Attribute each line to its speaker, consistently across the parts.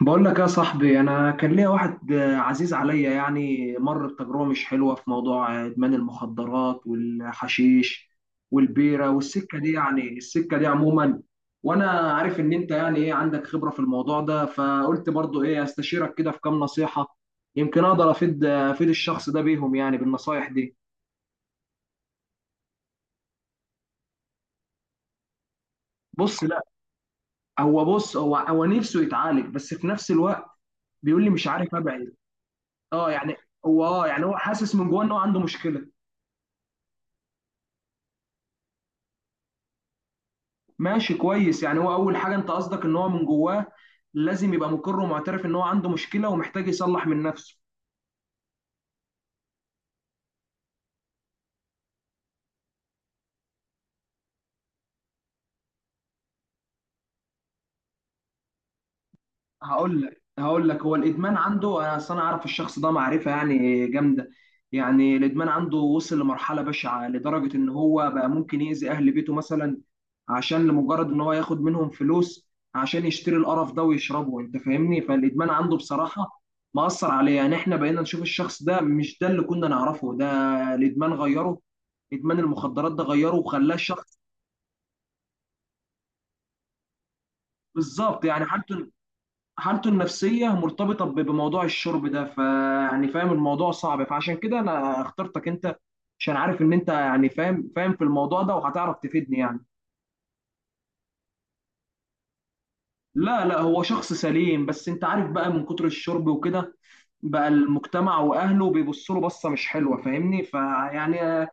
Speaker 1: بقول لك يا صاحبي، انا كان ليا واحد عزيز عليا، يعني مر بتجربه مش حلوه في موضوع ادمان المخدرات والحشيش والبيره والسكه دي، يعني السكه دي عموما. وانا عارف ان انت يعني ايه عندك خبره في الموضوع ده، فقلت برضو ايه استشيرك كده في كام نصيحه، يمكن اقدر افيد الشخص ده بيهم، يعني بالنصايح دي. بص لا، هو بص، هو نفسه يتعالج بس في نفس الوقت بيقول لي مش عارف ابعد. اه يعني. هو حاسس من جوه ان هو عنده مشكله. ماشي كويس، يعني هو اول حاجه انت قصدك ان هو من جواه لازم يبقى مقر ومعترف ان هو عنده مشكله ومحتاج يصلح من نفسه. هقول لك هو الادمان عنده، انا اصل انا عارف الشخص ده معرفه يعني جامده. يعني الادمان عنده وصل لمرحله بشعه، لدرجه ان هو بقى ممكن يأذي اهل بيته مثلا عشان لمجرد ان هو ياخد منهم فلوس عشان يشتري القرف ده ويشربه، انت فاهمني. فالادمان عنده بصراحه مأثر عليه، يعني احنا بقينا نشوف الشخص ده مش ده اللي كنا نعرفه، ده الادمان غيره، ادمان المخدرات ده غيره وخلاه شخص. بالظبط يعني حالته النفسيه مرتبطه بموضوع الشرب ده، فيعني فاهم، الموضوع صعب، فعشان كده انا اخترتك انت عشان عارف ان انت يعني فاهم في الموضوع ده وهتعرف تفيدني يعني. لا لا، هو شخص سليم، بس انت عارف بقى من كتر الشرب وكده بقى المجتمع واهله بيبصوا له بصه مش حلوه، فاهمني، فيعني.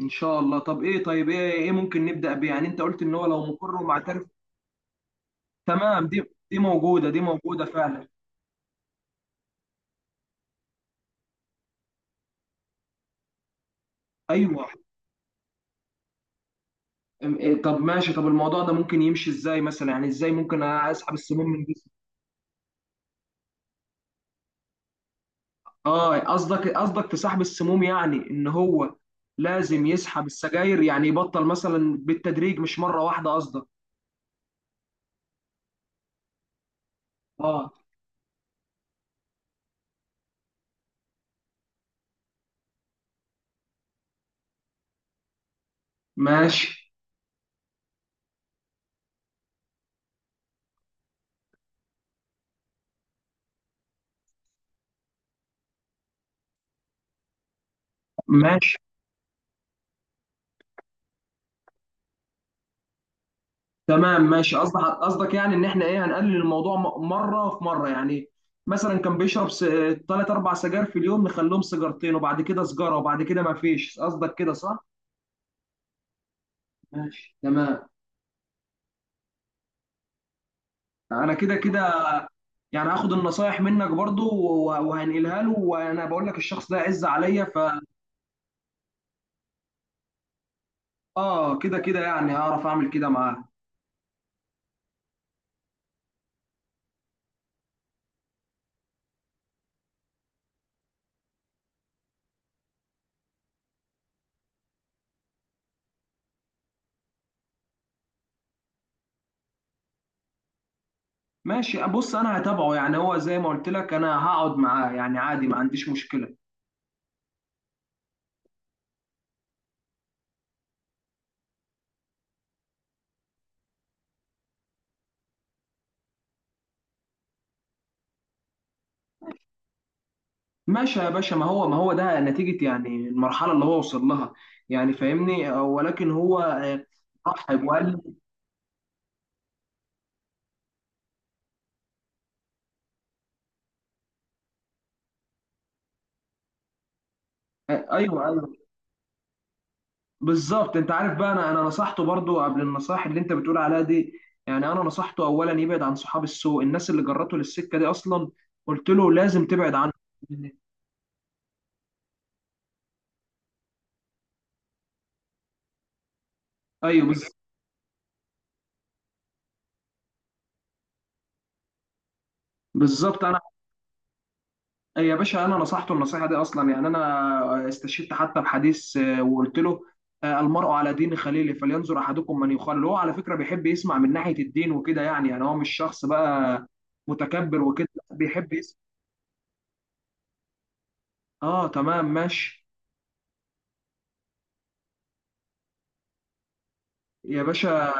Speaker 1: ان شاء الله. طب ايه، طيب ايه، ايه ممكن نبدا بيه؟ يعني انت قلت ان هو لو مقر ومعترف. تمام، دي موجوده، دي موجوده فعلا. ايوه. إيه، طب ماشي، طب الموضوع ده ممكن يمشي ازاي مثلا؟ يعني ازاي ممكن اسحب السموم من جسمي؟ اه قصدك في سحب السموم، يعني ان هو لازم يسحب السجاير، يعني يبطل مثلا بالتدريج مش مرة واحدة قصدك. اه ماشي. ماشي تمام ماشي قصدك يعني ان احنا ايه، هنقلل الموضوع مرة في مرة يعني. مثلا كان بيشرب ثلاث اربع سجاير في اليوم، نخليهم سيجارتين، وبعد كده سجارة، وبعد كده ما فيش. قصدك كده صح؟ ماشي تمام. انا كده كده يعني هاخد النصايح منك برضو وهنقلها له، وانا بقول لك الشخص ده عز عليا، اه كده كده يعني هعرف اعمل كده معاه. ماشي. بص انا هتابعه، يعني هو زي ما قلت لك انا هقعد معاه، يعني عادي، ما عنديش مشكلة. ماشي يا باشا. ما هو ده نتيجة يعني المرحلة اللي هو وصل لها، يعني فاهمني. ولكن هو رحب وقال لي ايوه بالظبط. انت عارف بقى، انا نصحته برضو قبل النصائح اللي انت بتقول عليها دي، يعني انا نصحته اولا يبعد عن صحاب السوء، الناس اللي جرته للسكه دي اصلا، قلت له لازم تبعد عنه. ايوه بالظبط. بالظبط انا يا باشا، انا نصحته النصيحه دي اصلا، يعني انا استشهدت حتى بحديث وقلت له المرء على دين خليله فلينظر احدكم من يخلل. هو على فكره بيحب يسمع من ناحيه الدين وكده، يعني هو مش شخص بقى متكبر وكده، بيحب يسمع. اه تمام ماشي. يا باشا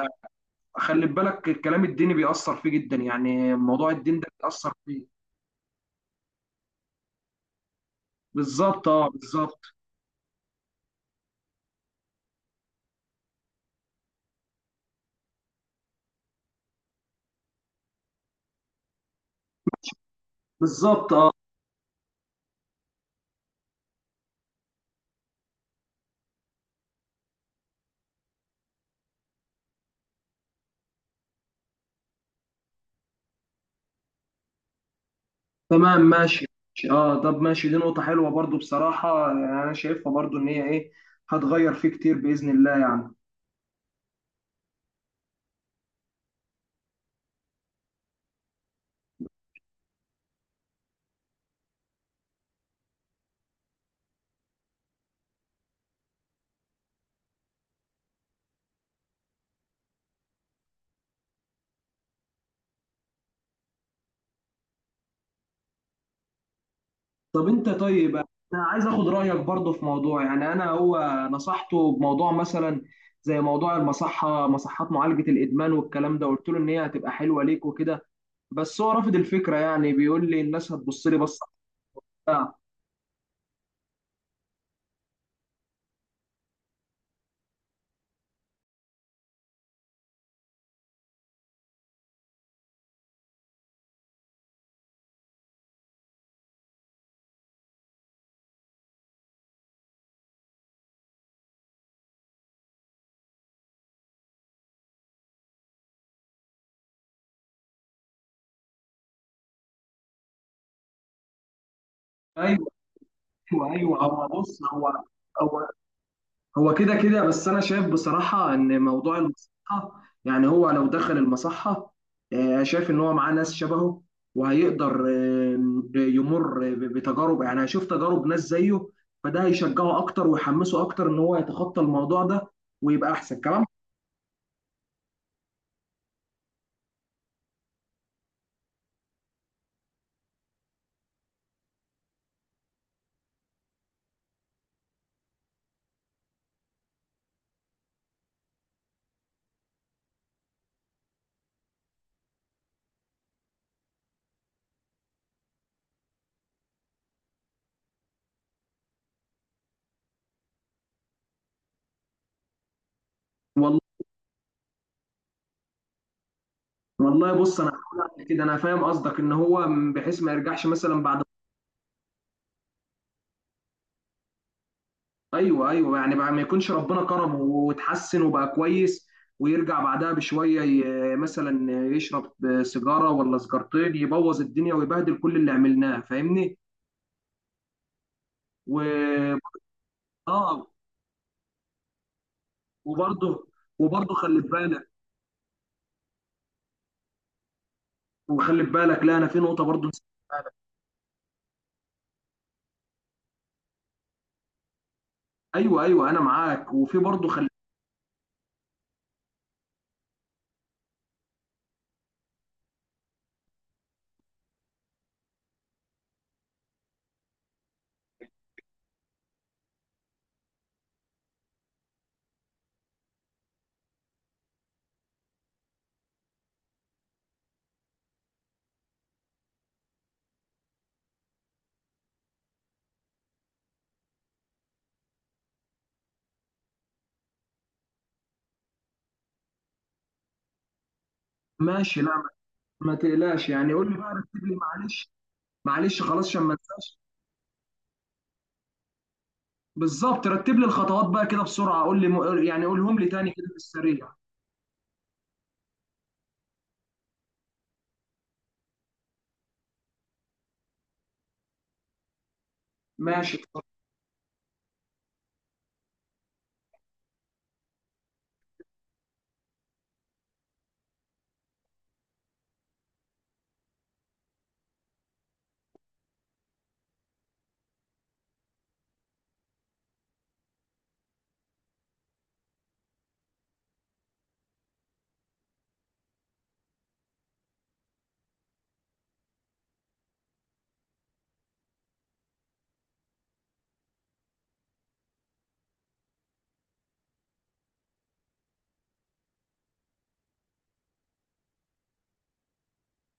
Speaker 1: خلي بالك، الكلام الديني بيأثر فيه جدا، يعني موضوع الدين ده بيأثر فيه. بالظبط اه، بالظبط. بالظبط اه تمام ماشي. ماشي. اه طب ماشي، دي نقطة حلوة برضو بصراحة، يعني انا شايفها برضو ان هي ايه، هتغير فيه كتير بإذن الله يعني. طب انت، طيب انا عايز اخد رأيك برضو في موضوع، يعني انا هو نصحته بموضوع مثلا زي موضوع مصحات معالجة الإدمان والكلام ده، قلت له ان هي هتبقى حلوة ليك وكده، بس هو رافض الفكرة، يعني بيقول لي الناس هتبص لي بصة بتاع. ايوه ايوه. هو بص، هو هو كده كده، بس انا شايف بصراحه ان موضوع المصحه، يعني هو لو دخل المصحه شايف ان هو معاه ناس شبهه، وهيقدر يمر بتجارب، يعني هيشوف تجارب ناس زيه، فده هيشجعه اكتر ويحمسه اكتر ان هو يتخطى الموضوع ده ويبقى احسن كمان. والله والله، بص انا هحاول أعمل كده، انا فاهم قصدك ان هو بحيث ما يرجعش مثلا بعد. ايوه ايوه، يعني بقى ما يكونش ربنا كرمه وتحسن وبقى كويس، ويرجع بعدها بشويه مثلا يشرب سيجاره ولا سيجارتين، يبوظ الدنيا ويبهدل كل اللي عملناه فاهمني. و اه وبرضه وبرضه خلي بالك، وخلي بالك. لا انا في نقطه برضه نسيت. ايوه ايوه انا معاك، وفي برضه خلي. ماشي لا، ما تقلقش يعني، قول لي بقى، رتب لي، معلش معلش خلاص عشان ما انساش. بالظبط، رتب لي الخطوات بقى كده بسرعه، قول لي يعني، قولهم لي تاني كده في السريع. ماشي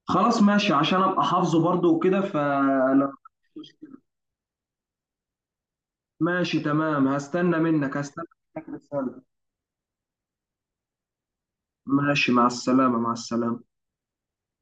Speaker 1: خلاص، ماشي عشان ابقى حافظه برضه وكده، ماشي تمام، هستنى منك، رسالة ماشي، مع السلامة، مع السلامة.